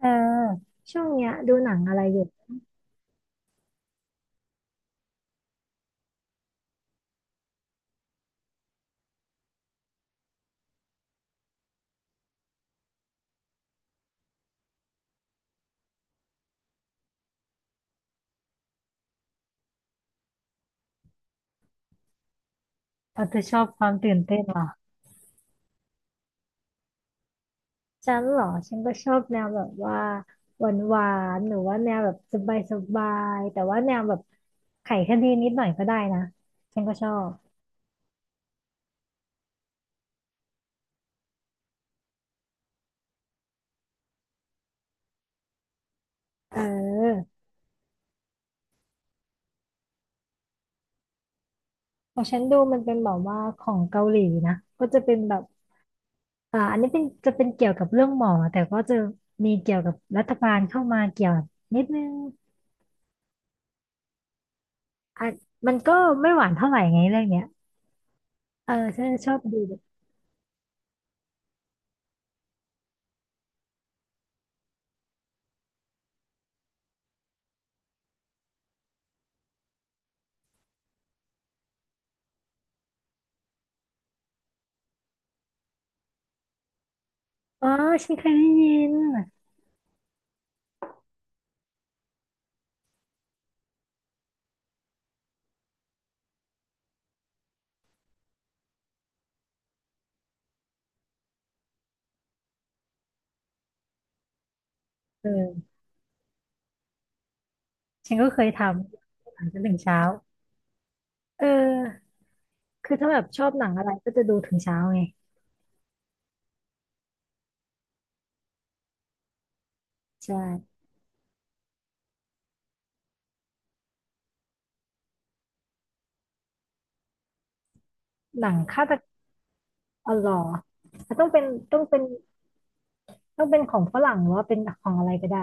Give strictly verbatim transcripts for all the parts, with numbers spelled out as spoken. เออช่วงเนี้ยดูหนังอะไรอยู่เออเธอชอบความตื่นเต้นเหรอฉันเหรอฉันก็ชอบแนวแบบว่าหวานหวานหรือว่าแนวแบบสบายสบายแต่ว่าแนวแบบไขคดีนิดหน่อยก็ได้นะฉันก็ชอบเออของฉันดูมันเป็นแบบว่าของเกาหลีนะก็จะเป็นแบบอ่าอันนี้เป็นจะเป็นเกี่ยวกับเรื่องหมอแต่ก็จะมีเกี่ยวกับรัฐบาลเข้ามาเกี่ยวนิดนึงอ่ะมันก็ไม่หวานเท่าไหร่ไงเรื่องเนี้ยเออฉันชอบดู อ๋อฉันเคยได้ยินเออฉันก็เคยทำหนังจนถึงเช้าเออคือถ้าแบบชอบหนังอะไรก็จะดูถึงเช้าไงใช่หนังฆาตกรรมอ๋อเหรอต้องเป็นต้องเป็นต้องเป็นของฝรั่งหรือว่าเป็นของอะไรก็ได้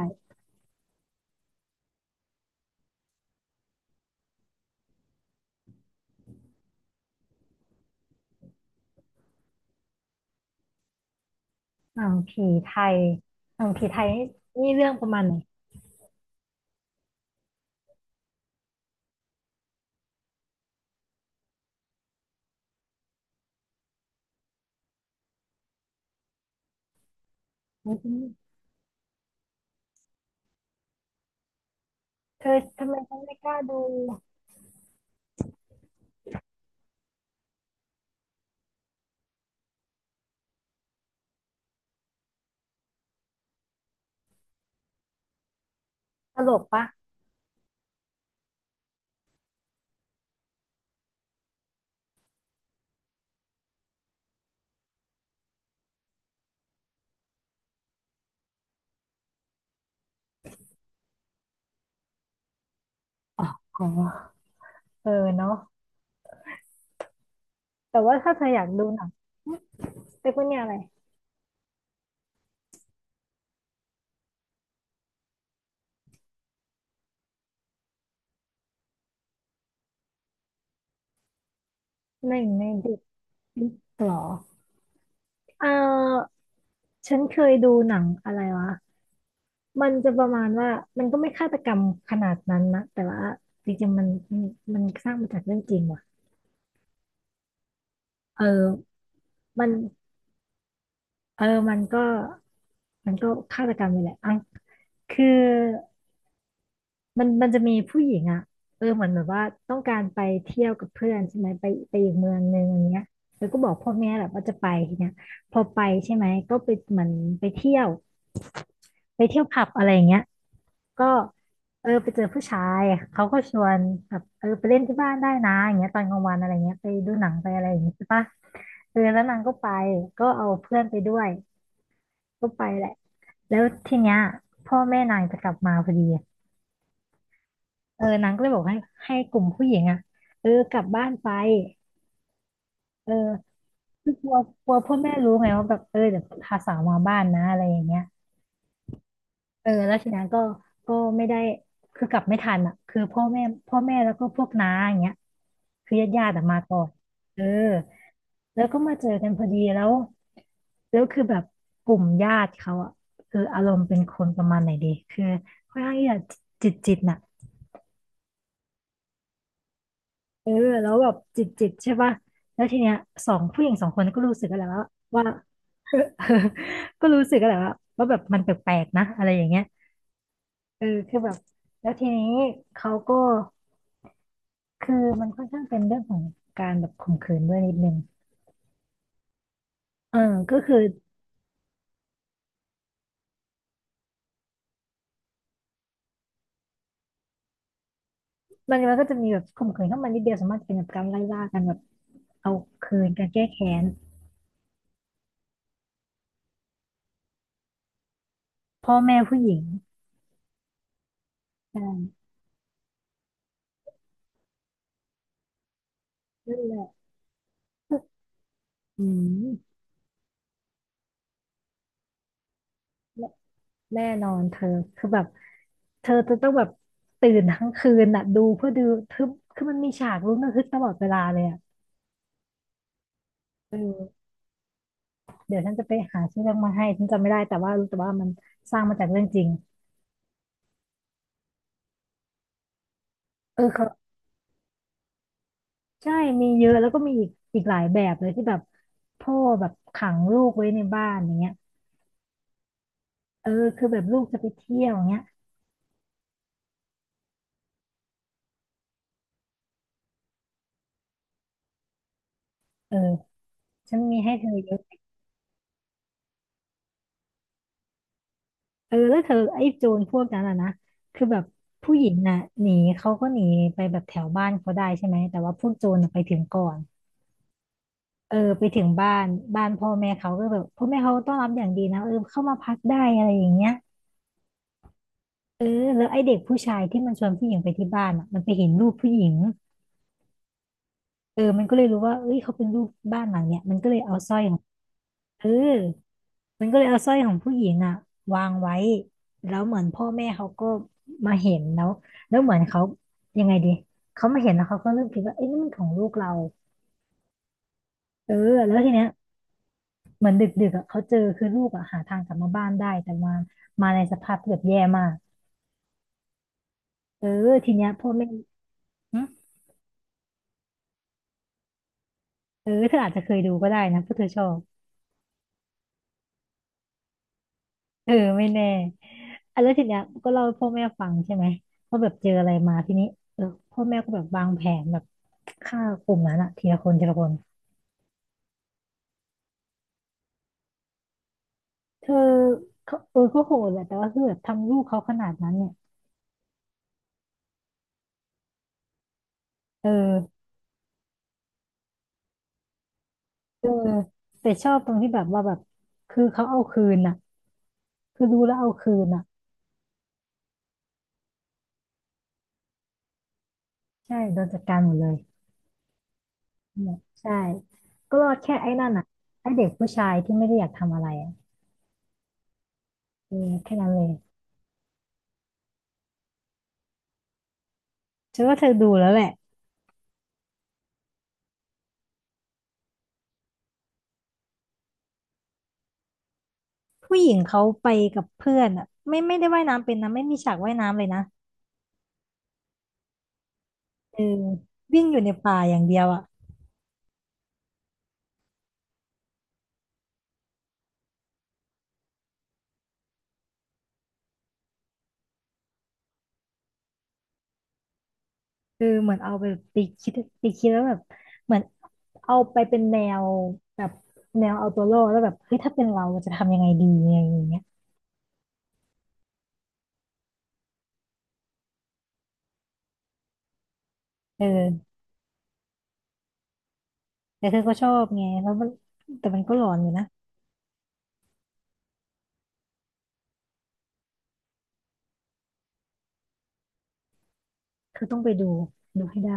หนังผีไทยหนังผีไทยนี่เรื่องประมาณไหนอืมเธอทำไมฉันไม่กล้าดูตลกปะอ๋อเออเนาะแต่ว่าถ้าเธออยากดูหนังเรียกว่าเนี่ยอะไรหนึ่งในเด็กหรอเออ ฉันเคยดูหนังอะไรวะ มันจะประมาณว่า มันก็ไม่ฆาตกรรมขนาดนั้นนะแต่ว่าจริงๆมันมันสร้างมาจากเรื่องจริงว่ะเออมันเออมันก็มันก็ฆาตกรรมนี่แหละอ่ะคือมันมันจะมีผู้หญิงอ่ะเออเหมือนแบบว่าต้องการไปเที่ยวกับเพื่อนใช่ไหมไปไปอีกเมืองหนึงอย่างเงี้ยแล้วก็บอกพ่อแม่แหละว่าจะไปทีเนี้ยพอไปใช่ไหมก็ไปเหมือนไปเที่ยวไปเที่ยวผับอะไรอย่างเงี้ย ก็เออไปเจอผู้ชายเขาก็ชวนแบบเออไปเล่นที่บ้านได้นะอย่างเงี้ยตอนกลางวันอะไรเงี้ยไปดูหนังไปอะไรอย่างเงี้ยใช่ปะเออแล้วนางก็ไปก็เอาเพื่อนไปด้วยก็ไปแหละแล้วทีเนี้ยพ่อแม่นางจะกลับมาพอดีเออนางก็เลยบอกให้ให้กลุ่มผู้หญิงอ่ะเออกลับบ้านไปเออคือกลัวกลัวพ่อแม่รู้ไงว่าแบบเออเดี๋ยวพาสาวมาบ้านนะอะไรอย่างเงี้ย เออแล้วทีนั้นก็ก็ไม่ได้คือกลับไม่ทันอ่ะคือพ่อแม่พ่อแม่แล้วก็พวกน้าอย่างเงี้ยคือญาติญาติอะมาก่อนเออแล้วก็มาเจอกันพอดีแล้วแล้วคือแบบกลุ่มญาติเขาอ่ะคืออารมณ์เป็นคนประมาณไหนดีคือค่อนข้างที่จะจิตจิตน่ะเออแล้วแบบจิตจิตใช่ป่ะแล้วทีเนี้ยสองผู้หญิงสองคนก็รู้สึกกันแหละว่าว่า ก็รู้สึกกันแหละว่าว่าแบบมันแปลกๆนะอะไรอย่างเงี้ย เออคือแบบแล้วทีนี้เขาก็คือมันค่อนข้างเป็นเรื่องของการแบบข่มขืนด้วยนิดนึงเออก็คือมันมันก็จะมีแบบข่มขืนเข้ามานิดเดียวสามารถเป็นแบบการไล่ล่ากันแบบเอาคืนการแก้แค้นพ่อแม่ผู้หญิงใช่นั่นแหละอืมแน่แน่นอนเธอคือแบบเธอจะต้องแบบตื่นทั้งคืนน่ะดูเพื่อดูคือคือมันมีฉากลุ้นระทึกตลอดเวลาเลยอ่ะเออเดี๋ยวฉันจะไปหาชื่อเรื่องมาให้ฉันจำไม่ได้แต่ว่ารู้แต่ว่ามันสร้างมาจากเรื่องจริง เออเขาใช่มีเยอะแล้วก็มีอีกอีกหลายแบบเลยที่แบบพ่อแบบขังลูกไว้ในบ้านอย่างเงี้ยเออคือแบบลูกจะไปเที่ยวอย่างเงี้ยเออฉันมีให้เธอเยอะเออแล้วเธอไอ้โจรพวกนั้นอ่ะนะคือแบบผู้หญิงน่ะหนีเขาก็หนีไปแบบแถวบ้านเขาได้ใช่ไหมแต่ว่าพวกโจรน่ะไปถึงก่อนเออไปถึงบ้านบ้านพ่อแม่เขาก็แบบพ่อแม่เขาต้อนรับอย่างดีนะเออเข้ามาพักได้อะไรอย่างเงี้ยเออแล้วไอเด็กผู้ชายที่มันชวนผู้หญิงไปที่บ้านอ่ะมันไปเห็นรูปผู้หญิง เออมันก็เลยรู้ว่าเอ้ยเขาเป็นลูกบ้านหลังเนี้ยมันก็เลยเอาสร้อยของเออมันก็เลยเอาสร้อยของผู้หญิงอ่ะวางไว้แล้วเหมือนพ่อแม่เขาก็มาเห็นแล้วแล้วเหมือนเขายังไงดีเขามาเห็นแล้วเขาก็เริ่มคิดว่าเอ้ยนี่มันของลูกเราเออแล้วทีเนี้ยเหมือนดึกๆอะเขาเจอคือลูกอ่ะหาทางกลับมาบ้านได้แต่มามาในสภาพที่แบบแย่มากเออทีเนี้ยพ่อแม่หึเออเธออาจจะเคยดูก็ได้นะเพราะเธอชอบ เออไม่แน่อ่ะแล้วทีเนี้ยก็เล่าให้พ่อแม่ฟังใช่ไหมว่าแบบเจออะไรมาทีนี้เออพ่อแม่ก็แบบวางแผนแบบฆ่ากลุ่มนั้นอะทีละคนทีละคนเธอเขาเออก็โหดแหละแต่ว่าคือแบบทำลูกเขาขนาดนั้นเนี่ยเออเออแต่ชอบตรงที่แบบว่าแบบคือเขาเอาคืนน่ะคือรู้แล้วเอาคืนน่ะใช่โดนจัดการหมดเลยเนี่ยใช่ก็รอดแค่ไอ้นั่นอ่ะไอ้เด็กผู้ชายที่ไม่ได้อยากทำอะไรอ่ะเออแค่นั้นเลยฉันว่าเธอดูแล้วแหละ ผู้หญิงเขาไปกับเพื่อนอ่ะไม่ไม่ได้ว่ายน้ำเป็นนะไม่มีฉากว่ายน้ำเลยนะเออวิ่งอยู่ในป่าอย่างเดียวอ่ะเออเหมือนเอาไปไปคิดไปคิดแล้วแบบเหมือนเอาไปเป็นแนวแบบแนวเอาตัวรอดแล้วแบบเฮ้ยถ้าเป็นเราจะทำยังไงดีอะไรอย่างเงี้ยเออแต่เธอก็ชอบไงแล้วมันแต่มันก็หลอนอยู่นะคือต้องไปดูดูให้ได้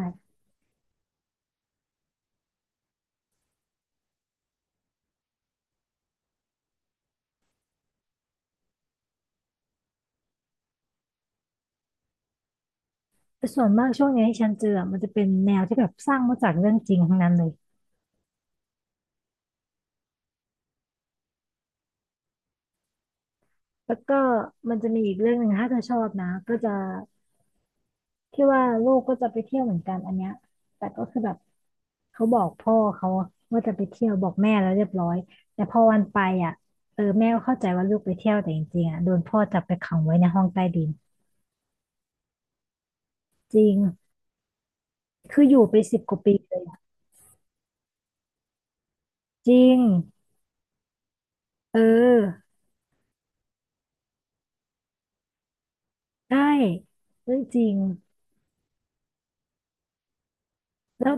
แต่ส่วนมากช่วงนี้ที่ฉันเจออะมันจะเป็นแนวที่แบบสร้างมาจากเรื่องจริงทั้งนั้นเลยแล้วก็มันจะมีอีกเรื่องหนึ่งถ้าเธอชอบนะก็จะ ที่ว่าลูกก็จะไปเที่ยวเหมือนกันอันเนี้ยแต่ก็คือแบบเขาบอกพ่อเขาว่าจะไปเที่ยวบอกแม่แล้วเรียบร้อยแต่พอวันไปอ่ะเออแม่ก็เข้าใจว่าลูกไปเที่ยวแต่จริงๆอ่ะโดนพ่อจับไปขังไว้ในห้องใต้ดินจริงคืออยู่ไปสิบกว่าปีเลยอะจริงเออได้เรื่องจริงแล้ว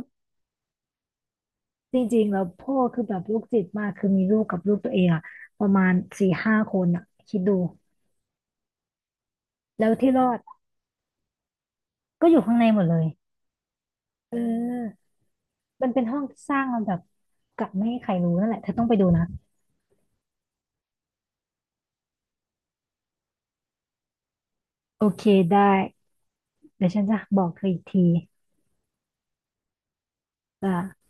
จริงๆแล้วพ่อคือแบบลูกจิตมากคือมีลูกกับลูกตัวเองอ่ะประมาณสี่ห้าคนอ่ะคิดดูแล้วที่รอดก็อยู่ข้างในหมดเลยเออ มันเป็นห้องที่สร้างลำดับกลับไม่ให้ใครรู้นั่นแหละเธอต้องไปดูนะโอเคได้เดี๋ยวฉันจะบอกเธออีกทีอ่า